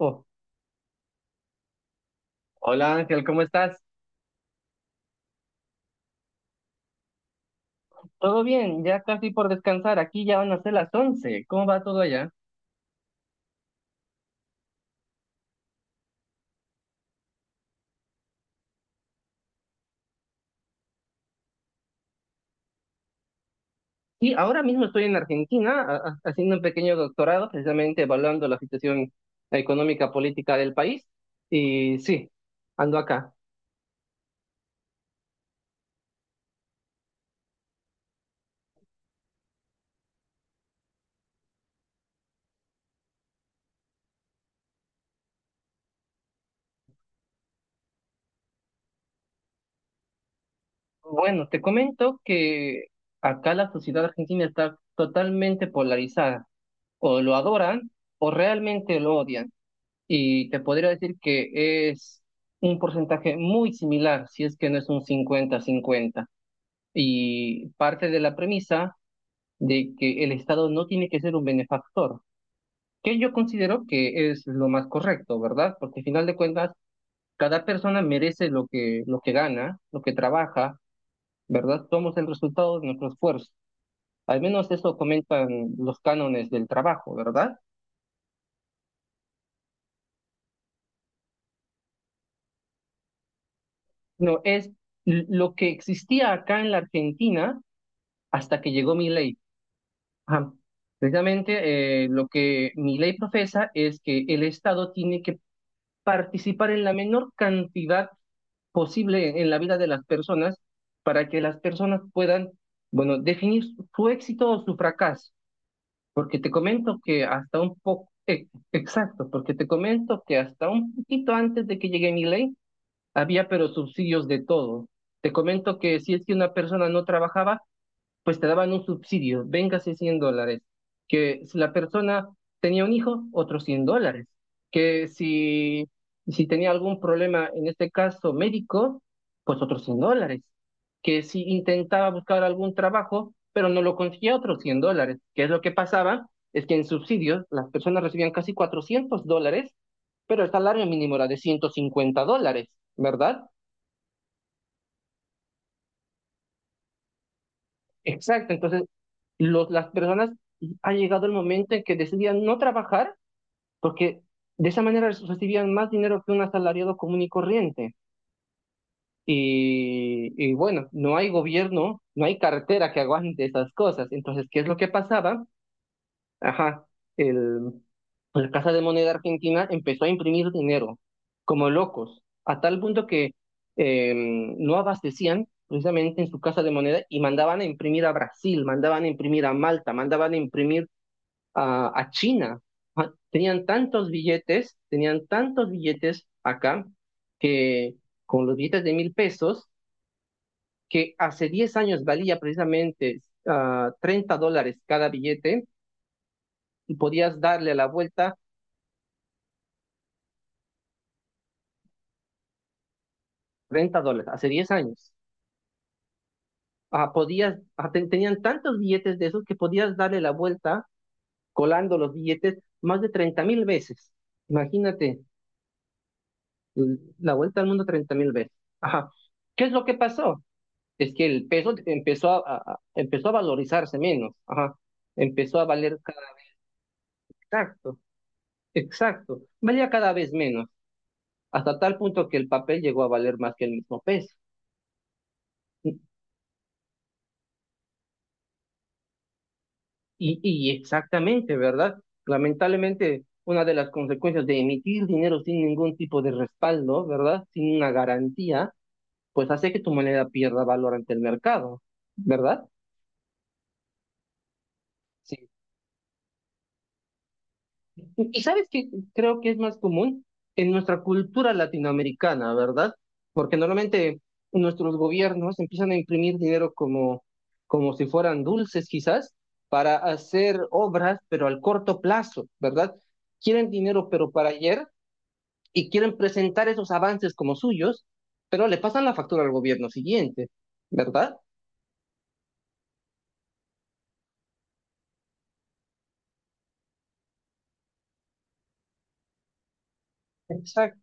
Oh, hola Ángel, ¿cómo estás? Todo bien, ya casi por descansar. Aquí ya van a ser las once. ¿Cómo va todo allá? Sí, ahora mismo estoy en Argentina haciendo un pequeño doctorado, precisamente evaluando la situación económica política del país. Y sí, ando acá. Bueno, te comento que acá la sociedad argentina está totalmente polarizada. O lo adoran o realmente lo odian. Y te podría decir que es un porcentaje muy similar, si es que no es un cincuenta-cincuenta. Y parte de la premisa de que el Estado no tiene que ser un benefactor, que yo considero que es lo más correcto, ¿verdad? Porque al final de cuentas, cada persona merece lo que gana, lo que trabaja, ¿verdad? Somos el resultado de nuestro esfuerzo. Al menos eso comentan los cánones del trabajo, ¿verdad? No, es lo que existía acá en la Argentina hasta que llegó Milei. Ajá. Precisamente lo que Milei profesa es que el Estado tiene que participar en la menor cantidad posible en la vida de las personas para que las personas puedan, bueno, definir su éxito o su fracaso. Porque te comento que hasta un poco, exacto, porque te comento que hasta un poquito antes de que llegue Milei había pero subsidios de todo. Te comento que si es que una persona no trabajaba, pues te daban un subsidio, véngase $100, que si la persona tenía un hijo, otros $100, que si tenía algún problema, en este caso médico, pues otros $100, que si intentaba buscar algún trabajo, pero no lo conseguía, otros $100, que es lo que pasaba, es que en subsidios las personas recibían casi $400, pero el salario mínimo era de $150, ¿verdad? Exacto, entonces las personas ha llegado el momento en que decidían no trabajar porque de esa manera recibían más dinero que un asalariado común y corriente. Y bueno, no hay gobierno, no hay cartera que aguante esas cosas. Entonces, ¿qué es lo que pasaba? Ajá, el, la Casa de Moneda Argentina empezó a imprimir dinero como locos, a tal punto que eh, no abastecían precisamente en su Casa de Moneda y mandaban a imprimir a Brasil, mandaban a imprimir a Malta, mandaban a imprimir a China. Ah, tenían tantos billetes, tenían tantos billetes acá que con los billetes de mil pesos, que hace 10 años valía precisamente $30 cada billete y podías darle la vuelta. $30, hace 10 años. Ajá, tenían tantos billetes de esos que podías darle la vuelta colando los billetes más de 30.000 veces. Imagínate, la vuelta al mundo 30.000 veces. Ajá. ¿Qué es lo que pasó? Es que el peso empezó a valorizarse menos. Ajá. Empezó a valer cada. Exacto, exacto. Valía cada vez menos, hasta tal punto que el papel llegó a valer más que el mismo peso. Y exactamente, ¿verdad? Lamentablemente, una de las consecuencias de emitir dinero sin ningún tipo de respaldo, ¿verdad? Sin una garantía, pues hace que tu moneda pierda valor ante el mercado, ¿verdad? Sí. Y sabes que creo que es más común en nuestra cultura latinoamericana, ¿verdad? Porque normalmente nuestros gobiernos empiezan a imprimir dinero como si fueran dulces, quizás, para hacer obras, pero al corto plazo, ¿verdad? Quieren dinero, pero para ayer y quieren presentar esos avances como suyos, pero le pasan la factura al gobierno siguiente, ¿verdad? Exacto,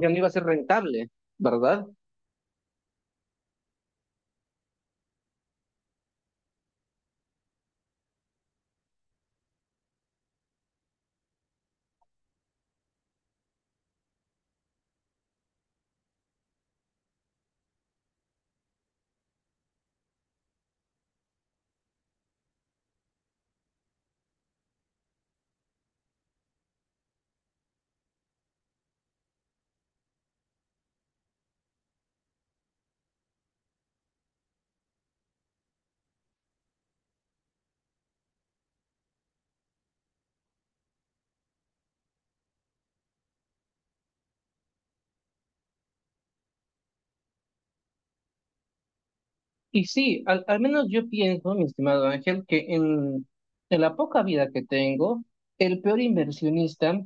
ya no iba a ser rentable, ¿verdad? Y sí, al menos yo pienso, mi estimado Ángel, que en la poca vida que tengo, el peor inversionista,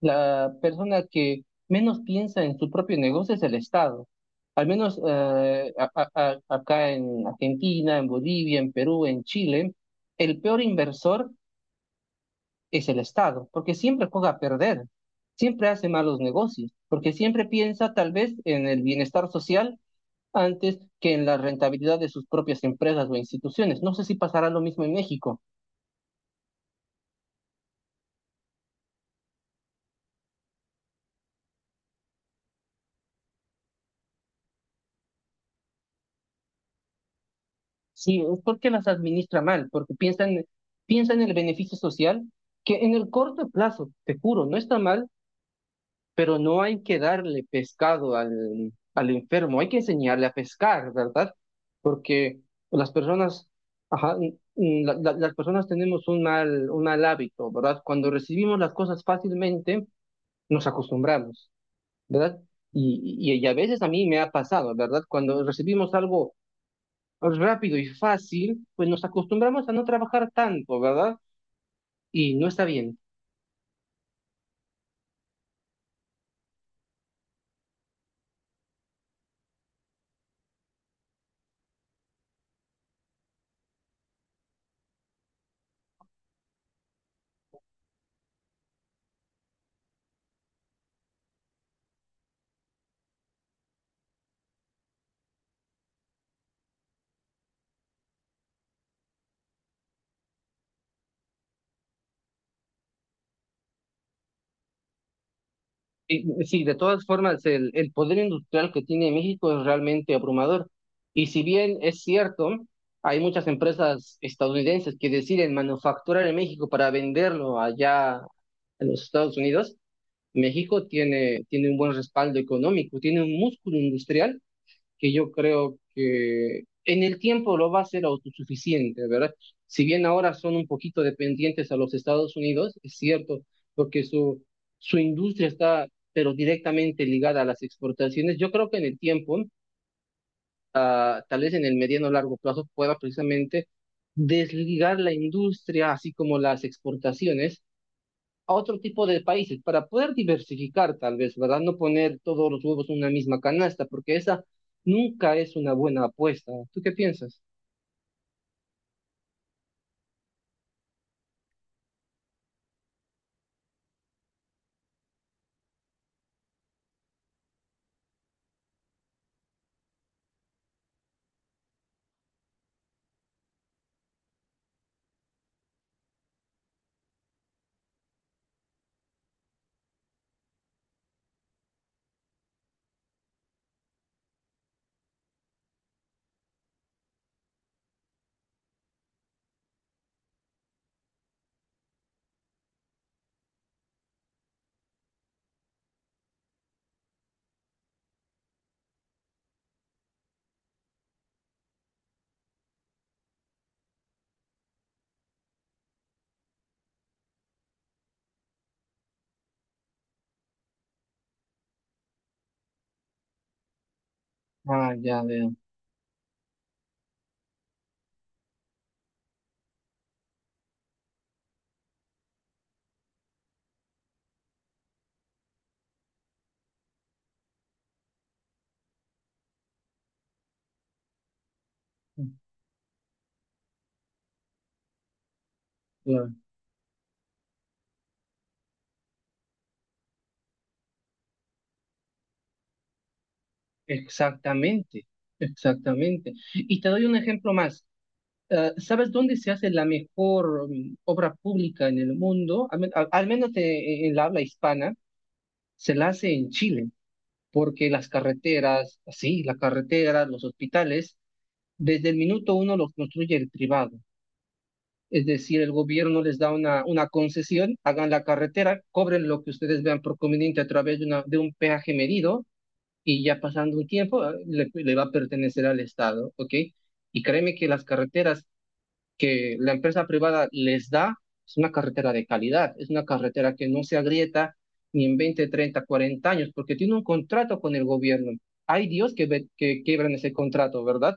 la persona que menos piensa en su propio negocio es el Estado. Al menos acá en Argentina, en Bolivia, en Perú, en Chile, el peor inversor es el Estado, porque siempre juega a perder, siempre hace malos negocios, porque siempre piensa tal vez en el bienestar social antes que en la rentabilidad de sus propias empresas o instituciones. No sé si pasará lo mismo en México. Sí, es porque las administra mal, porque piensan en el beneficio social, que en el corto plazo, te juro, no está mal, pero no hay que darle pescado al enfermo, hay que enseñarle a pescar, ¿verdad? Porque las personas, las personas tenemos un mal hábito, ¿verdad? Cuando recibimos las cosas fácilmente, nos acostumbramos, ¿verdad? Y a veces a mí me ha pasado, ¿verdad? Cuando recibimos algo rápido y fácil, pues nos acostumbramos a no trabajar tanto, ¿verdad? Y no está bien. Y sí, de todas formas, el poder industrial que tiene México es realmente abrumador. Y si bien es cierto, hay muchas empresas estadounidenses que deciden manufacturar en México para venderlo allá en los Estados Unidos, México tiene un buen respaldo económico, tiene un músculo industrial que yo creo que en el tiempo lo va a ser autosuficiente, ¿verdad? Si bien ahora son un poquito dependientes a los Estados Unidos, es cierto, porque su industria está, pero directamente ligada a las exportaciones, yo creo que en el tiempo, tal vez en el mediano o largo plazo, pueda precisamente desligar la industria, así como las exportaciones, a otro tipo de países para poder diversificar tal vez, ¿verdad? No poner todos los huevos en una misma canasta, porque esa nunca es una buena apuesta. ¿Tú qué piensas? Ah, ya veo. Claro. Exactamente, exactamente. Y te doy un ejemplo más. ¿Sabes dónde se hace la mejor obra pública en el mundo? Al menos en la habla hispana, se la hace en Chile, porque las carreteras, sí, las carreteras, los hospitales. Desde el minuto uno lo construye el privado. Es decir, el gobierno les da una concesión, hagan la carretera, cobren lo que ustedes vean por conveniente a través de un peaje medido y ya pasando un tiempo le va a pertenecer al Estado, ¿ok? Y créeme que las carreteras que la empresa privada les da es una carretera de calidad, es una carretera que no se agrieta ni en 20, 30, 40 años, porque tiene un contrato con el gobierno. Hay Dios que quiebran ese contrato, ¿verdad?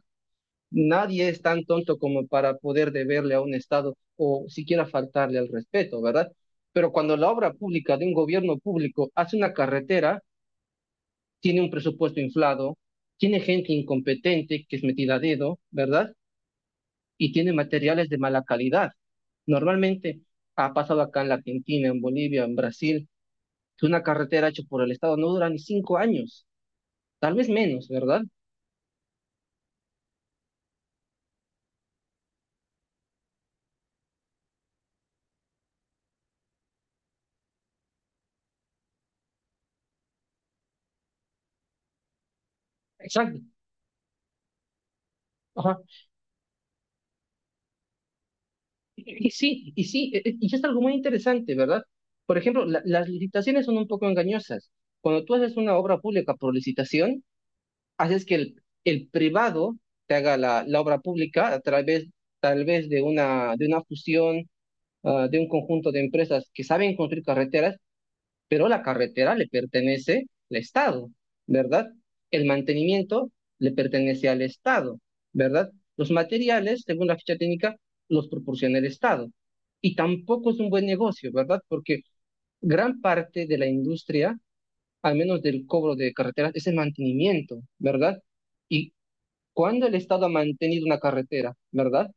Nadie es tan tonto como para poder deberle a un Estado o siquiera faltarle al respeto, ¿verdad? Pero cuando la obra pública de un gobierno público hace una carretera, tiene un presupuesto inflado, tiene gente incompetente que es metida a dedo, ¿verdad? Y tiene materiales de mala calidad. Normalmente ha pasado acá en la Argentina, en Bolivia, en Brasil, que una carretera hecha por el Estado no dura ni 5 años, tal vez menos, ¿verdad? Exacto. Ajá. Y es algo muy interesante, ¿verdad? Por ejemplo, las licitaciones son un poco engañosas. Cuando tú haces una obra pública por licitación, haces que el privado te haga la obra pública a través, tal vez de una fusión, de un conjunto de empresas que saben construir carreteras, pero la carretera le pertenece al Estado, ¿verdad? El mantenimiento le pertenece al Estado, ¿verdad? Los materiales, según la ficha técnica, los proporciona el Estado. Y tampoco es un buen negocio, ¿verdad? Porque gran parte de la industria, al menos del cobro de carreteras, es el mantenimiento, ¿verdad? Y cuando el Estado ha mantenido una carretera, ¿verdad?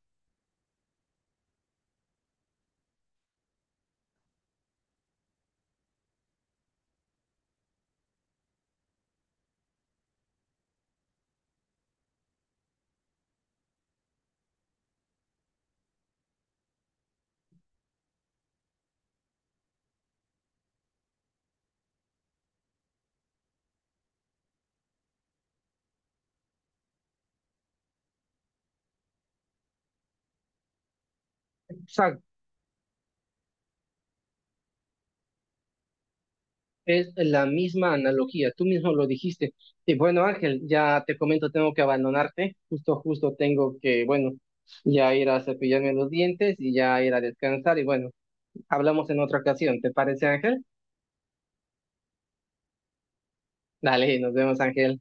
O sea, es la misma analogía, tú mismo lo dijiste. Y bueno, Ángel, ya te comento, tengo que abandonarte, justo tengo que, bueno, ya ir a cepillarme los dientes y ya ir a descansar. Y bueno, hablamos en otra ocasión, ¿te parece, Ángel? Dale, nos vemos, Ángel.